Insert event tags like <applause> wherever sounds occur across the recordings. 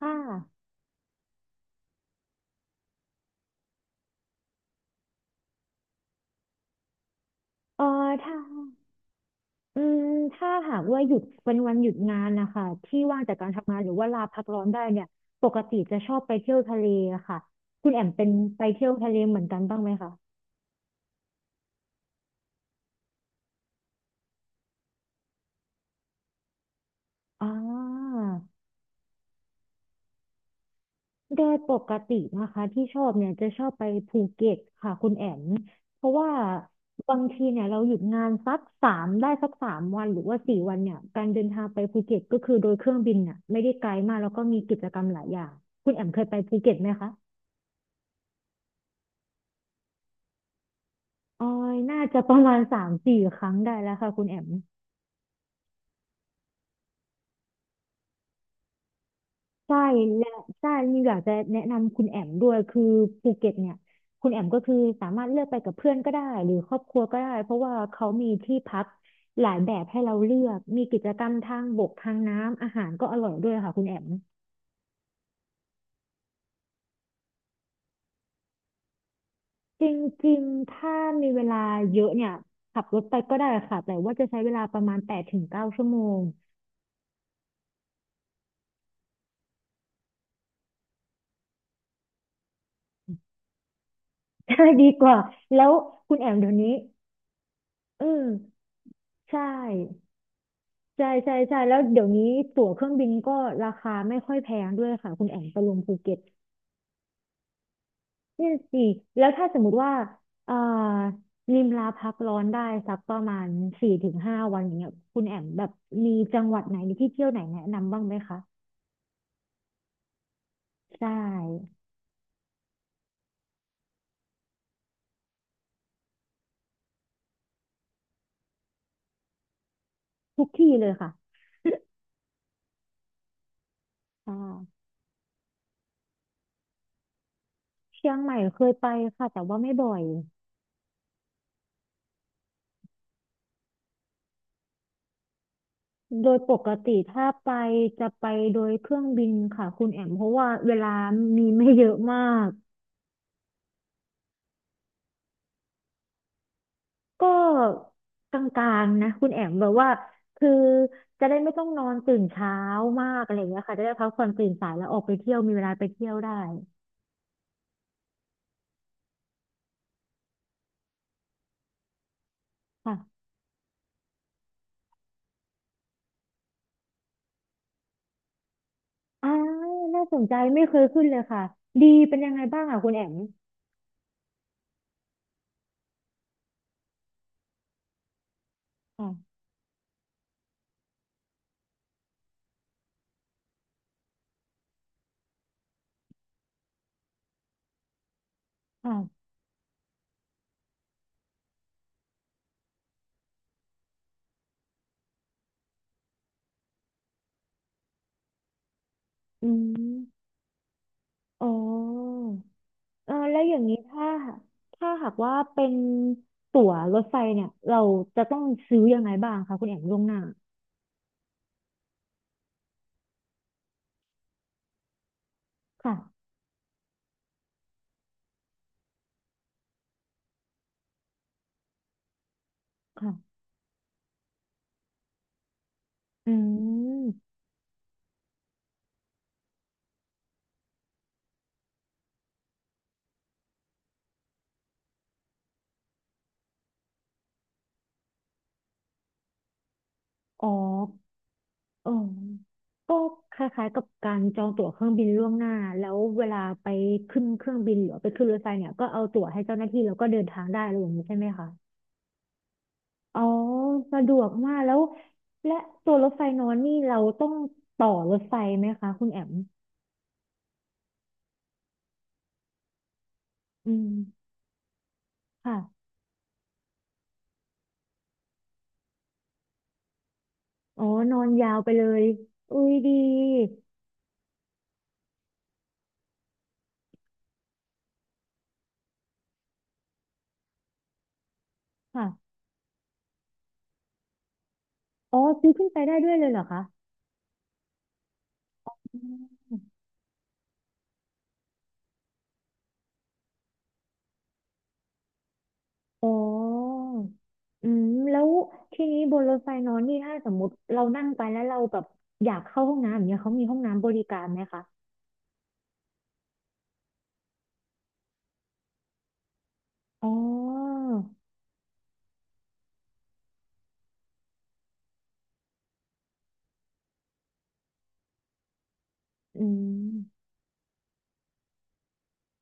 ค่ะเออถ้าอืมถ้าหากว่าหยุดเป็นวันหยุดงานนะคะที่ว่างจากการทำงานหรือว่าลาพักร้อนได้เนี่ยปกติจะชอบไปเที่ยวทะเลอะค่ะคุณแอมเป็นไปเที่ยวทะเลเหมือนกันบ้างไหมคะอ่าโดยปกตินะคะที่ชอบเนี่ยจะชอบไปภูเก็ตค่ะคุณแอมเพราะว่าบางทีเนี่ยเราหยุดงานสักสามวันหรือว่าสี่วันเนี่ยการเดินทางไปภูเก็ตก็คือโดยเครื่องบินน่ะไม่ได้ไกลมากแล้วก็มีกิจกรรมหลายอย่างคุณแอมเคยไปภูเก็ตไหมคะ ออยน่าจะประมาณสามสี่ครั้งได้แล้วค่ะคุณแอมใช่และใช่นี่อยากจะแนะนำคุณแอมด้วยคือภูเก็ตเนี่ยคุณแอมก็คือสามารถเลือกไปกับเพื่อนก็ได้หรือครอบครัวก็ได้เพราะว่าเขามีที่พักหลายแบบให้เราเลือกมีกิจกรรมทางบกทางน้ำอาหารก็อร่อยด้วยค่ะคุณแอมจริงๆถ้ามีเวลาเยอะเนี่ยขับรถไปก็ได้ค่ะแต่ว่าจะใช้เวลาประมาณแปดถึงเก้าชั่วโมง <laughs> ใช่ดีกว่าแล้วคุณแอมเดี๋ยวนี้อืมใช่ ใช่ใช่ใช่แล้วเดี๋ยวนี้ตั๋วเครื่องบินก็ราคาไม่ค่อยแพงด้วยค่ะคุณแอมไปลงภูเก็ตเนี่ยสิแล้วถ้าสมมติว่าอ่านิมลาพักร้อนได้สักประมาณสี่ถึงห้าวันอย่างเงี้ยคุณแอมแบบมีจังหวัดไหนหรือที่เที่ยวไหนแนะนำบ้างไหมคะใช่ทุกที่เลยค่ะอ่าเชียงใหม่เคยไปค่ะแต่ว่าไม่บ่อยโดยปกติถ้าไปจะไปโดยเครื่องบินค่ะคุณแอมเพราะว่าเวลามีไม่เยอะมาก ก็กลางๆนะคุณแอมแบบว่าคือจะได้ไม่ต้องนอนตื่นเช้ามากอะไรอย่างเงี้ยค่ะจะได้พักผ่อนตื่นสายแล้วออกไปเที่ยวมีเวลาไปเที่ยวได้ค่ะอ่าน่าสนใจไม่เคยขึ้นเลยค่ะดีเป็นยังไงบ้างอ่ะคุณแอมค่ะค่ะอืมอ๋อเออแล้วอย่างนี้ถ้าหากว่าเป็นตั๋วรถไฟเนี่ยเราจะต้องซื้อยังไงบ้างคะคุณแอมล่วงหน้าค่ะค่ะอืมอ๋อ อ๋อก็คล้ายๆกับการจองตั๋วเครื่องบินล่วงหน้าแล้วเวลาไปขึ้นเครื่องบินหรือไปขึ้นรถไฟเนี่ยก็เอาตั๋วให้เจ้าหน้าที่แล้วก็เดินทางได้อะไรอย่างนี้ใช่ไหมคะอ๋อสะดวกมากแล้วและตัวรถไฟนอนนี่เราต้องต่อรถไฟไหมคะคุณแอมอืมค่ะอ๋อนอนยาวไปเลยอุ้ยดีค่ะอ๋อซื้อขึ้นไปได้ด้วยเลยเหรอคะอืม อ๋ออืมแล้วทีนี้บนรถไฟนอนนี่ถ้าสมมติเรานั่งไปแล้วเราแบบอยากเข้าห้องน้ำอย่างเงี้ยเขามีห้องน้ำบริการไหมคะอ๋ออืม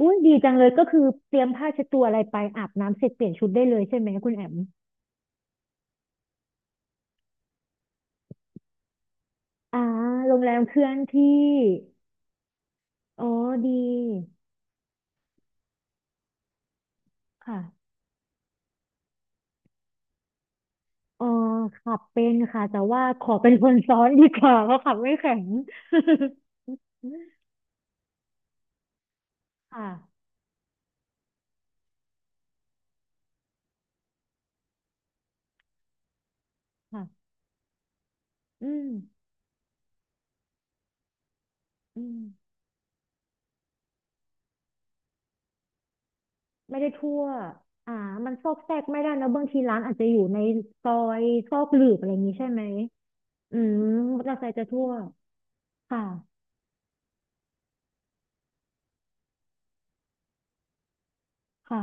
อุ้ยดีจังเลยก็คือเตรียมผ้าเช็ดตัวอะไรไปอาบน้ำเสร็จเปลี่ยนชุดได้เลยใช่ไหมคุณแอมอ่าโรงแรมเคลื่อนที่อ๋อดีค่ะอ๋อขับเป็นค่ะแต่ว่าขอเป็นคนซ้อนดีกว่าเพราะขับไม่แข็ง <laughs> ค่ะค่ะอืมอืม ไม่ได้ทั่วอ่ามันซอกแซกไม่ได้นะบางทีร้านอาจจะอยู่ในซอยซอกหลืบอะไรอย่างนี้ใช่ไหมอืมมอเตอร์ไซค์จะทั่วค่ะค่ะ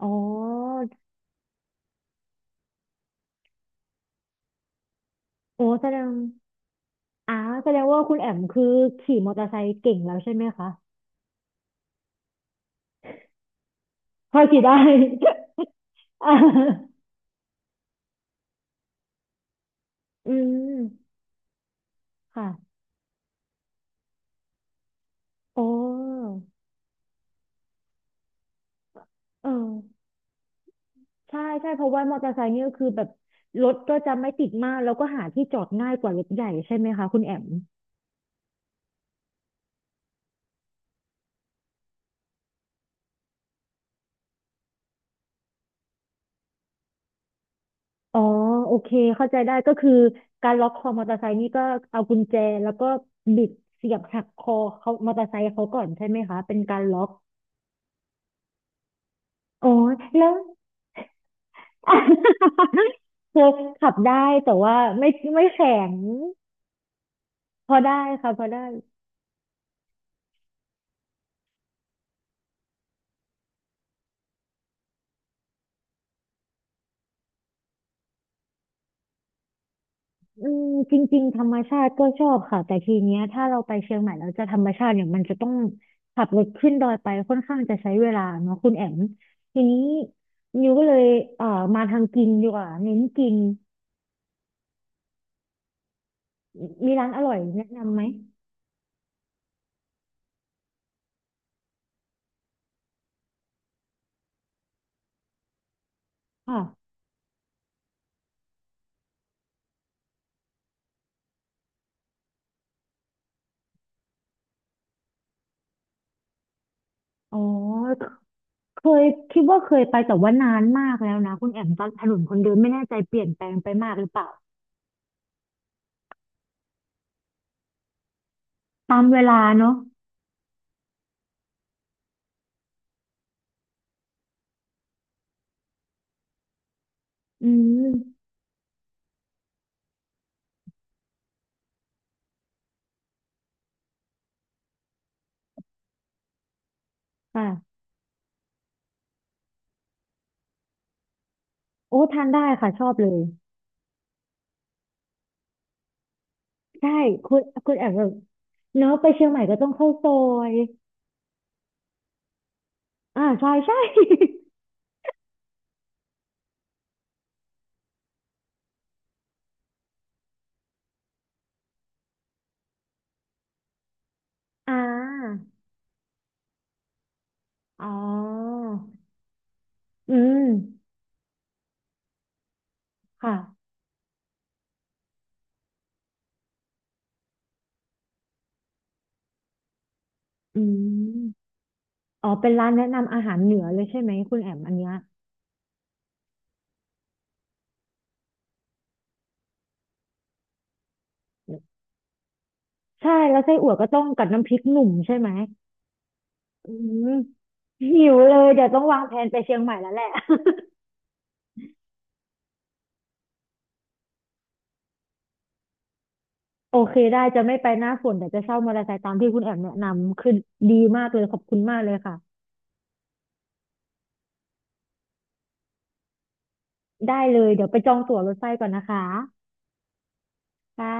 อ๋อโอ้แสดงอ่าแสดงว่าคุณแอมคือขี่มอเตอร์ไซค์เก่งแล้วใช่ไหมคะพอขี่ได้ <laughs> อ่าอืมค่ะโอ้เออใช่ใช่เพราะว่ามอเตอร์ไซค์นี่ก็คือแบบรถก็จะไม่ติดมากแล้วก็หาที่จอดง่ายกว่ารถใหญ่ใช่ไหมคะคุณแอม อ๋อโอเคเข้าใจได้ก็คือการล็อกคอมอเตอร์ไซค์นี่ก็เอากุญแจแล้วก็บิดเสียบหักคอเขามอเตอร์ไซค์เขาก่อนใช่ไหมคะเป็นการล็อกโอ้อแล้ว <laughs> คือขับได้แต่ว่าไม่แข็งพอได้ค่ะพอได้อืมจริงๆธรรมชาติก็ชอบค่ะแต่ทีเนี้ยถ้าเราไปเชียงใหม่แล้วจะธรรมชาติเนี่ยมันจะต้องขับรถขึ้นดอยไปค่อนข้างจะใช้เวลาเนาะคุณแอมทีนี้นิวก็เลยเอ่อมาทางกินดีกว่าเน้นกิน มีร้านอร่อยแนะนำไหมค่ะอ๋อเคยคิดว่าเคยไปแต่ว่านานมากแล้วนะคุณแอมตอนถนนคนเดินไม่แน่ใจเปลี่ยนแปลงไปมากหรือเปล่าตามเวลาเนาะอืมค่ะโอ้ทานได้ค่ะชอบเลยใช่คุณแอมแบบเนาะไปเชียงใหม่ก็ต้องเข้าซอยใช่ใช่ <laughs> อ่าอ๋ออืมค่ะอืมอ๋อเป็นร้านแนะนำอาหารเหนือเลยใช่ไหมคุณแอมอันเนี้ย ใช่ แล้วไส้อั่วก็ต้องกับน้ำพริกหนุ่มใช่ไหมอืมหิวเลยเดี๋ยวต้องวางแผนไปเชียงใหม่แล้วแหละ <laughs> โอเคได้จะไม่ไปหน้าฝนแต่จะเช่ามอเตอร์ไซค์ตามที่คุณแอมแนะนำคือดีมากเลยขอบคุณมากเลยค่ะ ได้เลยเดี๋ยวไปจองตั๋วรถไฟก่อนนะคะค่ะ